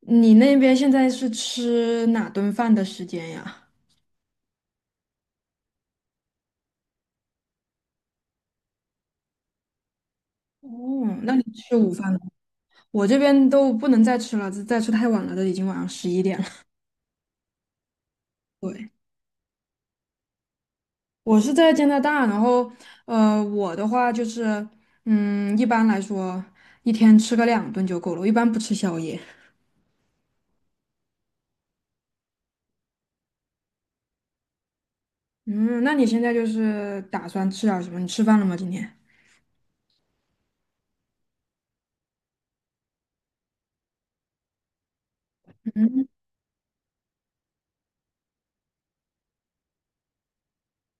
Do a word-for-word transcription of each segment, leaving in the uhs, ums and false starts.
你那边现在是吃哪顿饭的时间呀？哦，那你吃午饭了？我这边都不能再吃了，再吃太晚了，都已经晚上十一点了。对，我是在加拿大，然后呃，我的话就是，嗯，一般来说一天吃个两顿就够了，我一般不吃宵夜。嗯，那你现在就是打算吃点什么？你吃饭了吗？今天？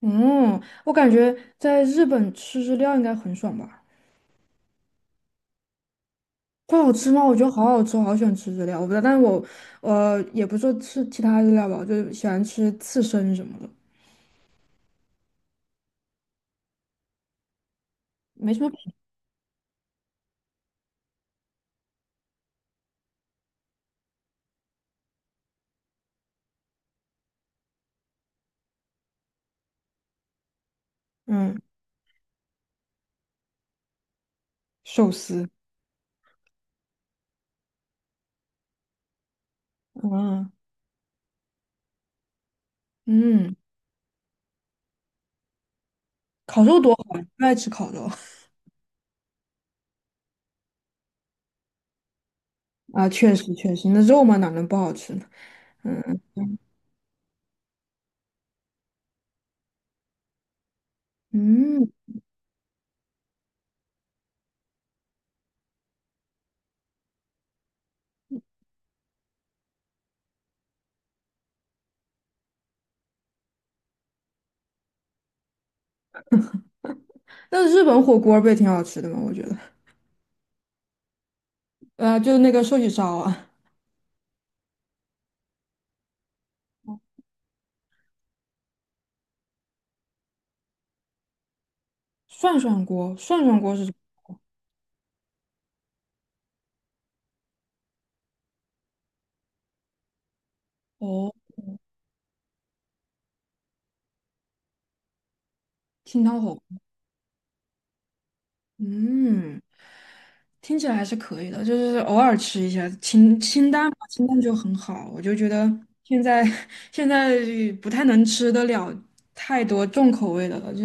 嗯，我感觉在日本吃日料应该很爽吧。不好吃吗？我觉得好好吃，我好喜欢吃日料。我不知道，但是我呃也不是说吃其他日料吧，我就喜欢吃刺身什么的，没什么。嗯寿司嗯嗯，烤肉多好啊，不爱吃烤肉 啊，确实确实，那肉嘛哪能不好吃呢？嗯嗯，那日本火锅儿不也挺好吃的吗？我觉得，呃，就是那个寿喜烧啊，涮涮锅，涮涮锅是什么锅？哦，清汤火锅。嗯。听起来还是可以的，就是偶尔吃一下清清淡嘛，清淡就很好。我就觉得现在 现在不太能吃得了太多重口味的了，就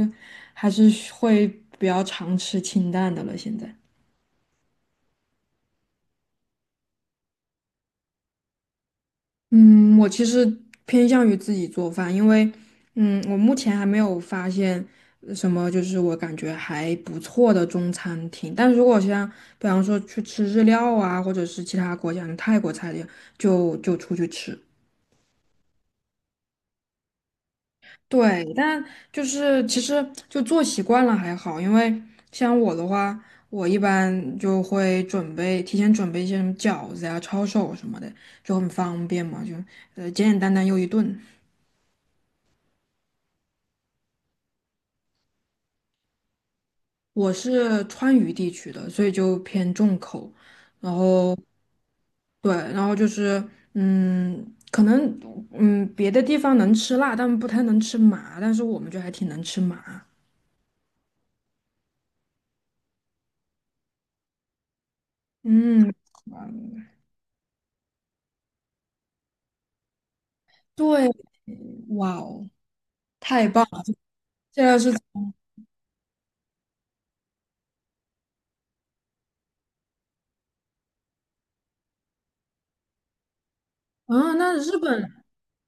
还是会比较常吃清淡的了。现在，嗯，我其实偏向于自己做饭，因为嗯，我目前还没有发现什么就是我感觉还不错的中餐厅。但如果像比方说去吃日料啊，或者是其他国家的泰国菜的，就就出去吃。对，但就是其实就做习惯了还好，因为像我的话，我一般就会准备提前准备一些什么饺子呀、抄手什么的，就很方便嘛，就呃简简单单又一顿。我是川渝地区的，所以就偏重口，然后对，然后就是嗯，可能嗯别的地方能吃辣，但不太能吃麻，但是我们就还挺能吃麻，嗯，对，哇哦，太棒了！现在是啊，那日本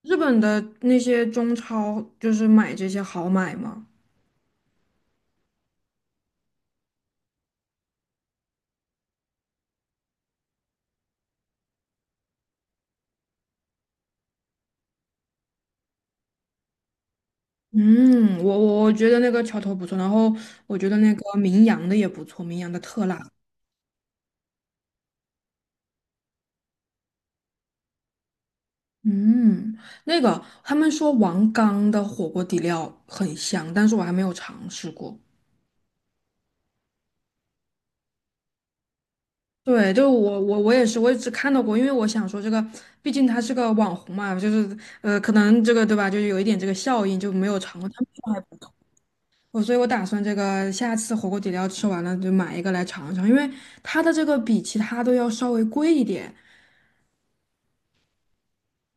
日本的那些中超就是买这些好买吗？嗯，我我我觉得那个桥头不错，然后我觉得那个名扬的也不错，名扬的特辣。嗯，那个他们说王刚的火锅底料很香，但是我还没有尝试过。对，就我我我也是，我也只看到过，因为我想说这个，毕竟他是个网红嘛，就是呃，可能这个对吧，就有一点这个效应，就没有尝过。他们说还不错。我所以，我打算这个下次火锅底料吃完了就买一个来尝尝，因为它的这个比其他都要稍微贵一点，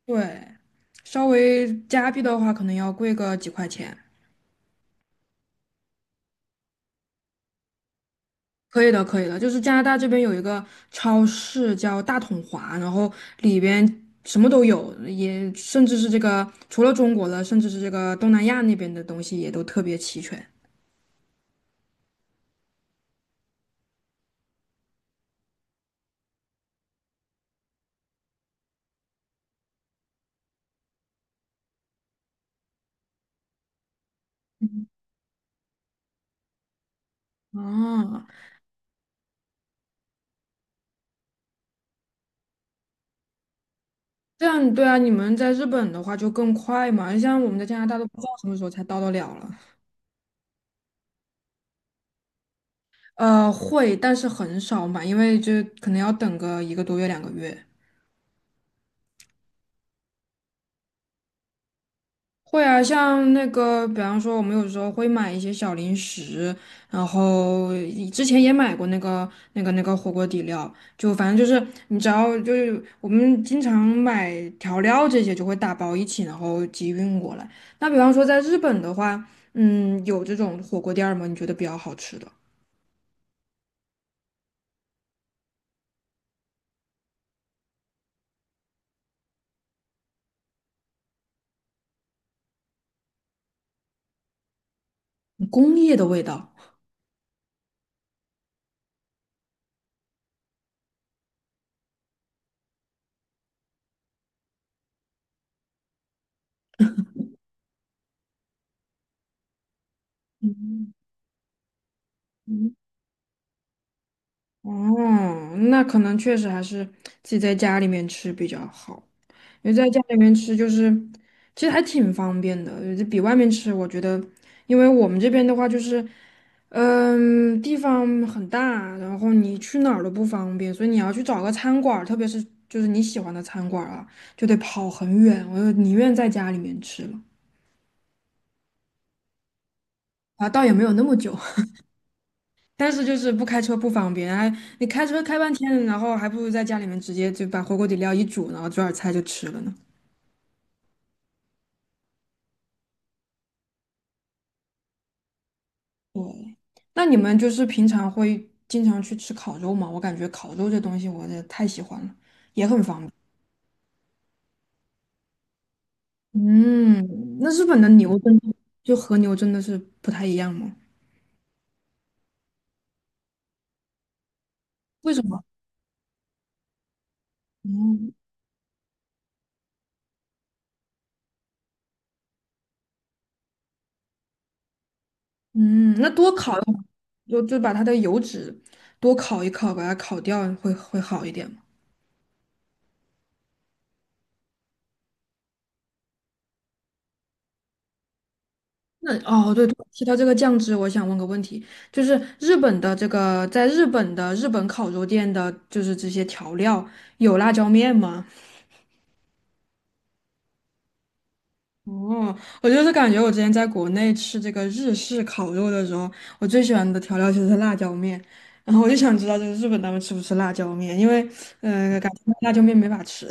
对，稍微加币的话可能要贵个几块钱。可以的，可以的，就是加拿大这边有一个超市叫大统华，然后里边什么都有，也甚至是这个除了中国的，甚至是这个东南亚那边的东西也都特别齐全。哦，这样对啊，你们在日本的话就更快嘛，像我们在加拿大都不知道什么时候才到得了了。呃，会，但是很少买，因为就可能要等个一个多月、两个月。会啊，像那个，比方说，我们有时候会买一些小零食，然后以之前也买过那个、那个、那个火锅底料，就反正就是你只要就是我们经常买调料这些，就会打包一起，然后集运过来。那比方说在日本的话，嗯，有这种火锅店儿吗？你觉得比较好吃的，工业的味道。嗯哦，那可能确实还是自己在家里面吃比较好，因为在家里面吃就是其实还挺方便的，就比外面吃，我觉得，因为我们这边的话就是，嗯，地方很大，然后你去哪儿都不方便，所以你要去找个餐馆儿特别是就是你喜欢的餐馆儿啊，就得跑很远，我就宁愿在家里面吃了啊，倒也没有那么久。但是就是不开车不方便，还你开车开半天，然后还不如在家里面直接就把火锅底料一煮，然后做点菜就吃了呢。对，那你们就是平常会经常去吃烤肉吗？我感觉烤肉这东西我也太喜欢了，也很方便。嗯，那日本的牛真的就和牛真的是不太一样吗？为什么？嗯，嗯，那多烤一就就把它的油脂多烤一烤，把它烤掉会会好一点。那哦，对对，提到这个酱汁，我想问个问题，就是日本的这个，在日本的日本烤肉店的，就是这些调料有辣椒面吗？哦，我就是感觉我之前在国内吃这个日式烤肉的时候，我最喜欢的调料就是辣椒面，然后我就想知道，就是日本他们吃不吃辣椒面，因为呃，感觉辣椒面没法吃。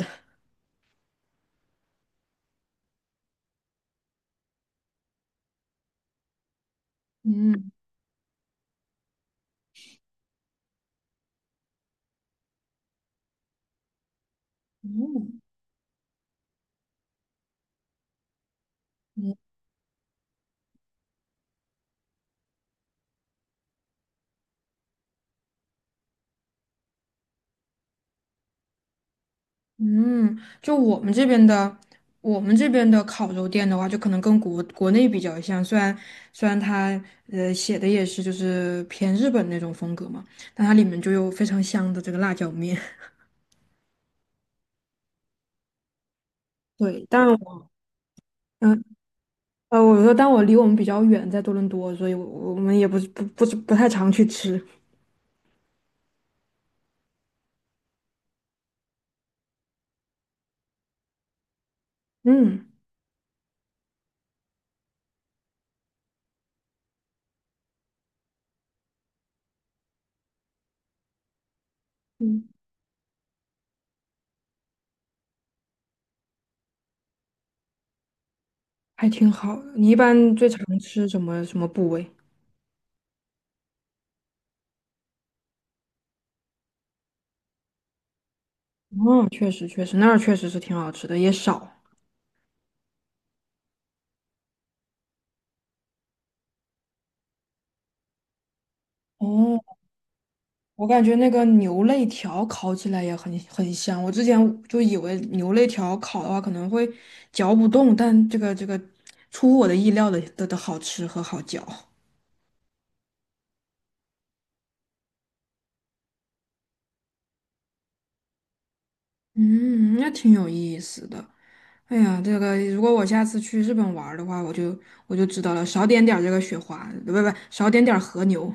嗯，嗯嗯，就我们这边的，我们这边的烤肉店的话，就可能跟国国内比较像，虽然虽然它呃写的也是就是偏日本那种风格嘛，但它里面就有非常香的这个辣椒面。对，但我嗯呃，我说但我离我们比较远，在多伦多，所以我我们也不是不不是不太常去吃。嗯嗯，还挺好的你一般最常吃什么什么部位？嗯，确实确实，那儿确实是挺好吃的，也少。哦，我感觉那个牛肋条烤起来也很很香。我之前就以为牛肋条烤的话可能会嚼不动，但这个这个出乎我的意料的的的好吃和好嚼。嗯，那挺有意思的。哎呀，这个如果我下次去日本玩儿的话，我就我就知道了，少点点儿这个雪花，不不不，少点点儿和牛。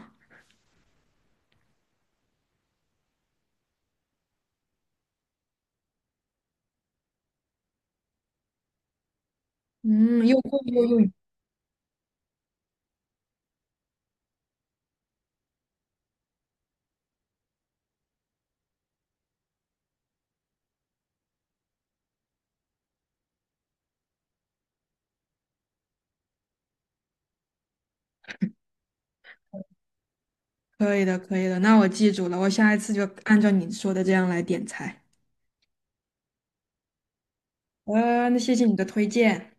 嗯，又贵又又可以的，可以的。那我记住了，我下一次就按照你说的这样来点菜。呃，那谢谢你的推荐。